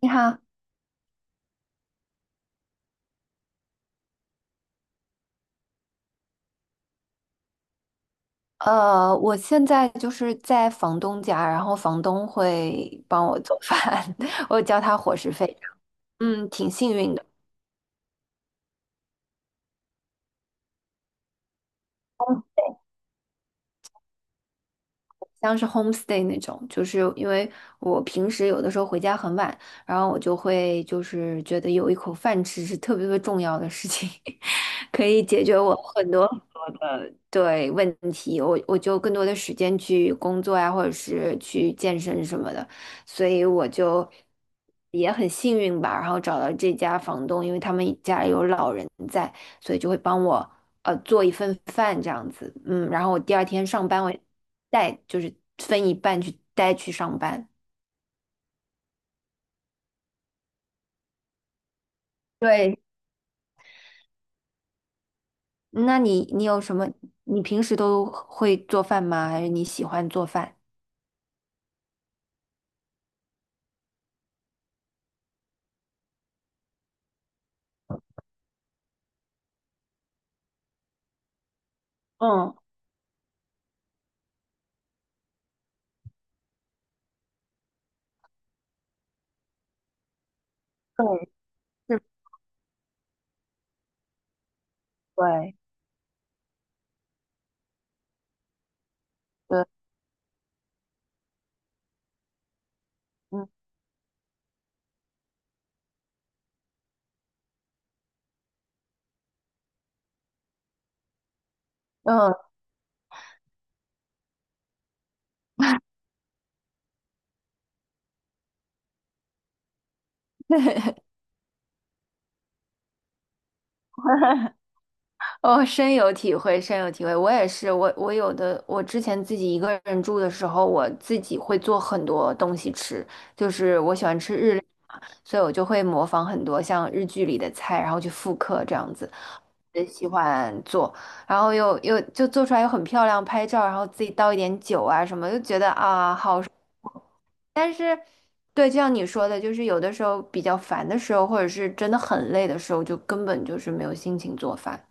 你好，我现在就是在房东家，然后房东会帮我做饭，我交他伙食费。嗯，挺幸运的。像是 homestay 那种，就是因为我平时有的时候回家很晚，然后我就会就是觉得有一口饭吃是特别特别重要的事情，可以解决我很多很多的对问题，我就更多的时间去工作呀，或者是去健身什么的，所以我就也很幸运吧，然后找到这家房东，因为他们家有老人在，所以就会帮我做一份饭这样子，嗯，然后我第二天上班我。带，就是分一半去带去上班。对，那你有什么？你平时都会做饭吗？还是你喜欢做饭？嗯，对，是，对，对，嗯嗯，哦，深有体会，深有体会。我也是，我我有的，我之前自己一个人住的时候，我自己会做很多东西吃，就是我喜欢吃日料嘛，所以我就会模仿很多像日剧里的菜，然后去复刻这样子。也喜欢做，然后又就做出来又很漂亮，拍照，然后自己倒一点酒啊什么，就觉得啊好。但是，对，就像你说的，就是有的时候比较烦的时候，或者是真的很累的时候，就根本就是没有心情做饭。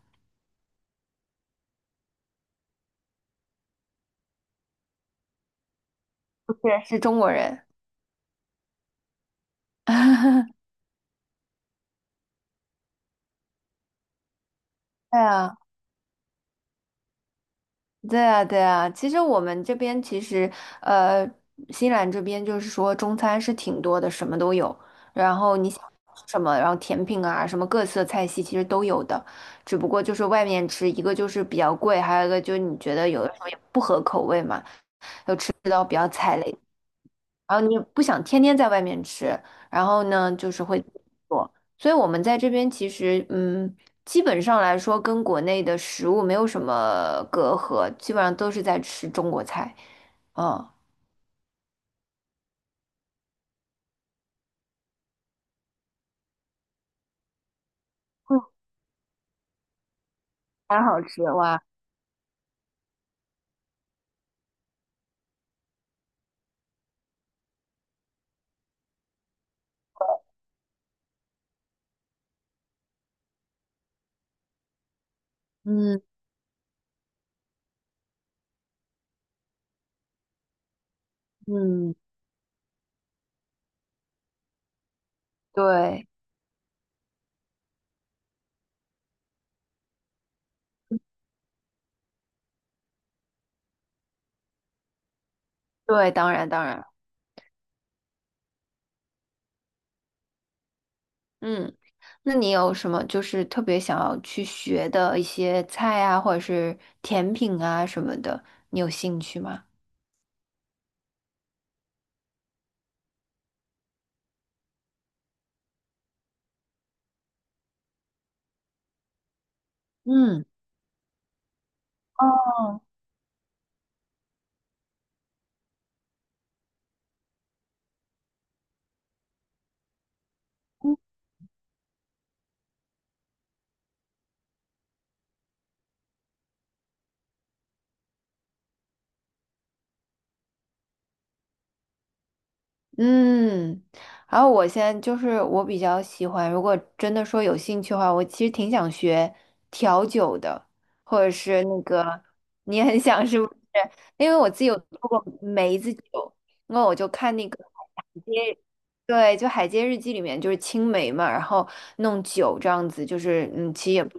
不是，是中国人。对啊。对啊，对啊，其实我们这边其实，呃，新西兰这边就是说中餐是挺多的，什么都有。然后你想吃什么，然后甜品啊，什么各色菜系其实都有的。只不过就是外面吃，一个就是比较贵，还有一个就是你觉得有的时候也不合口味嘛。比较。然后你不想天天在外面吃，然后呢，就是会自己做。所以我们在这边其实，嗯，基本上来说跟国内的食物没有什么隔阂，基本上都是在吃中国菜，嗯，嗯，还好吃哇，嗯嗯，对对，当然当然，嗯，那你有什么就是特别想要去学的一些菜啊，或者是甜品啊什么的，你有兴趣吗？嗯，哦，嗯，然后我现在就是我比较喜欢，如果真的说有兴趣的话，我其实挺想学调酒的，或者是那个你很想是不是？因为我自己有做过梅子酒，那我就看那个海街，对，就《海街日记》里面就是青梅嘛，然后弄酒这样子，就是嗯，其实也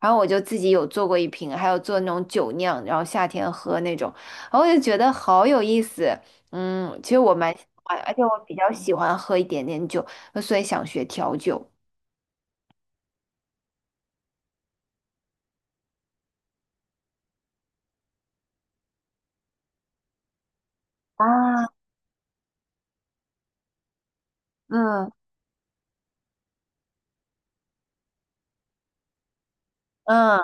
然后我就自己有做过一瓶，还有做那种酒酿，然后夏天喝那种，然后我就觉得好有意思。嗯，其实我蛮喜欢，而且我比较喜欢喝一点点酒，所以想学调酒。啊，嗯嗯，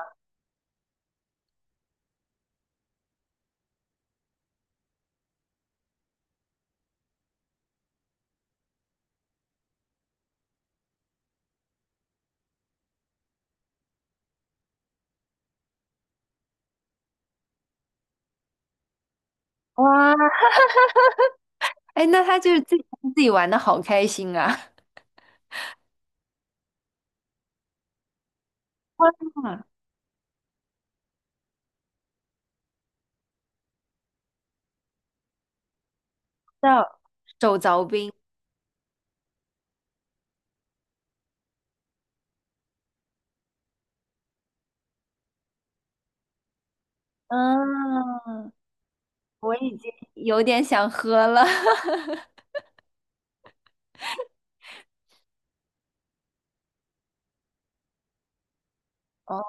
哇，哎，那他就是自己自己玩的好开心啊！哇，叫手凿冰，嗯，我已经有点想喝了。哦，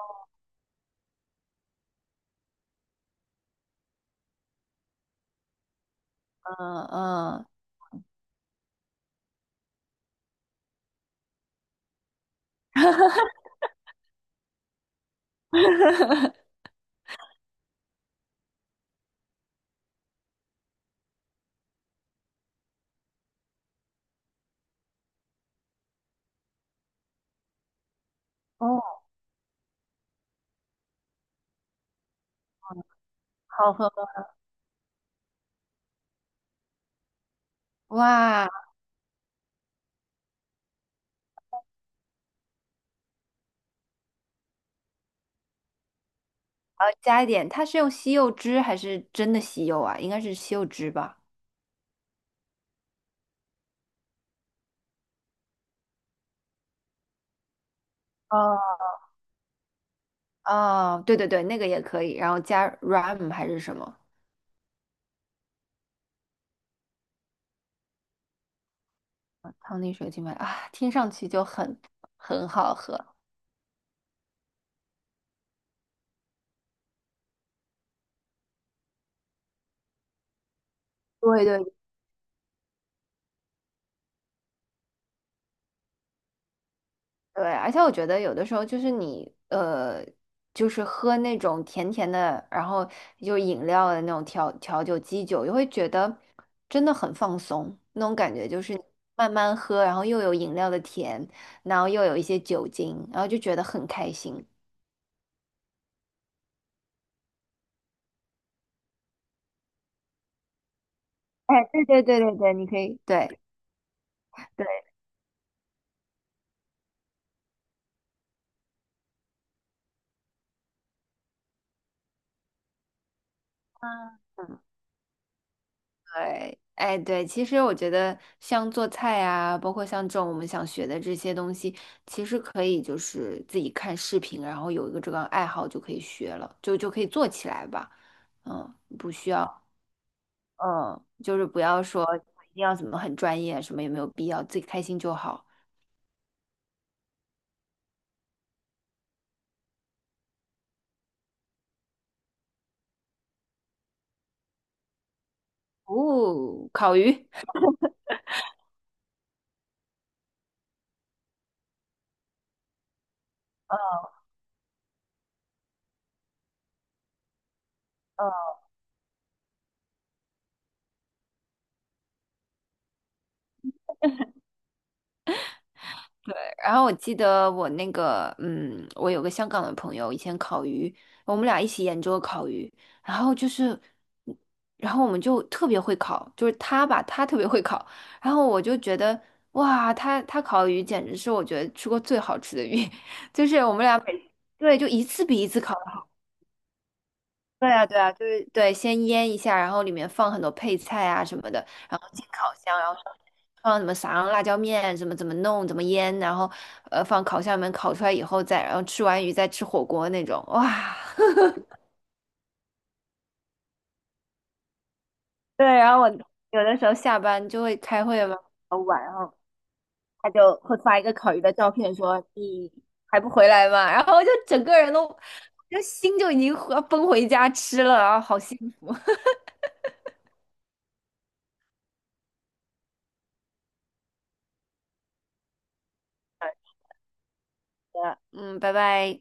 嗯嗯，哦，好喝吗哇。然后加一点，它是用西柚汁还是真的西柚啊？应该是西柚汁吧？哦，哦，对对对，那个也可以，然后加 rum 还是什么？汤力水晶白啊，听上去就很很好喝。对对。对，而且我觉得有的时候就是你,就是喝那种甜甜的，然后就饮料的那种调酒、基酒，就会觉得真的很放松，那种感觉就是你慢慢喝，然后又有饮料的甜，然后又有一些酒精，然后就觉得很开心。哎，对对对对对，你可以，对对，嗯对，哎，对，其实我觉得像做菜啊，包括像这种我们想学的这些东西，其实可以就是自己看视频，然后有一个这个爱好就可以学了，就可以做起来吧。嗯，不需要，嗯，就是不要说一定要怎么很专业，什么也没有必要，自己开心就好。哦，烤鱼。然后我记得我那个，嗯，我有个香港的朋友，以前烤鱼，我们俩一起研究烤鱼，然后就是，然后我们就特别会烤，就是他吧，他特别会烤，然后我就觉得，哇，他烤鱼简直是我觉得吃过最好吃的鱼，就是我们俩每，对，就一次比一次烤的好。对啊，对啊，就是对，先腌一下，然后里面放很多配菜啊什么的，然后进烤箱。然后。放什么撒上辣椒面，怎么弄，怎么腌，然后放烤箱里面烤出来以后再，然后吃完鱼再吃火锅那种，哇！对，然后我有的时候下班就会开会嘛，很晚，然后他就会发一个烤鱼的照片说，你还不回来吗？然后我就整个人都，就心就已经要奔回家吃了，然后好幸福。嗯，拜拜。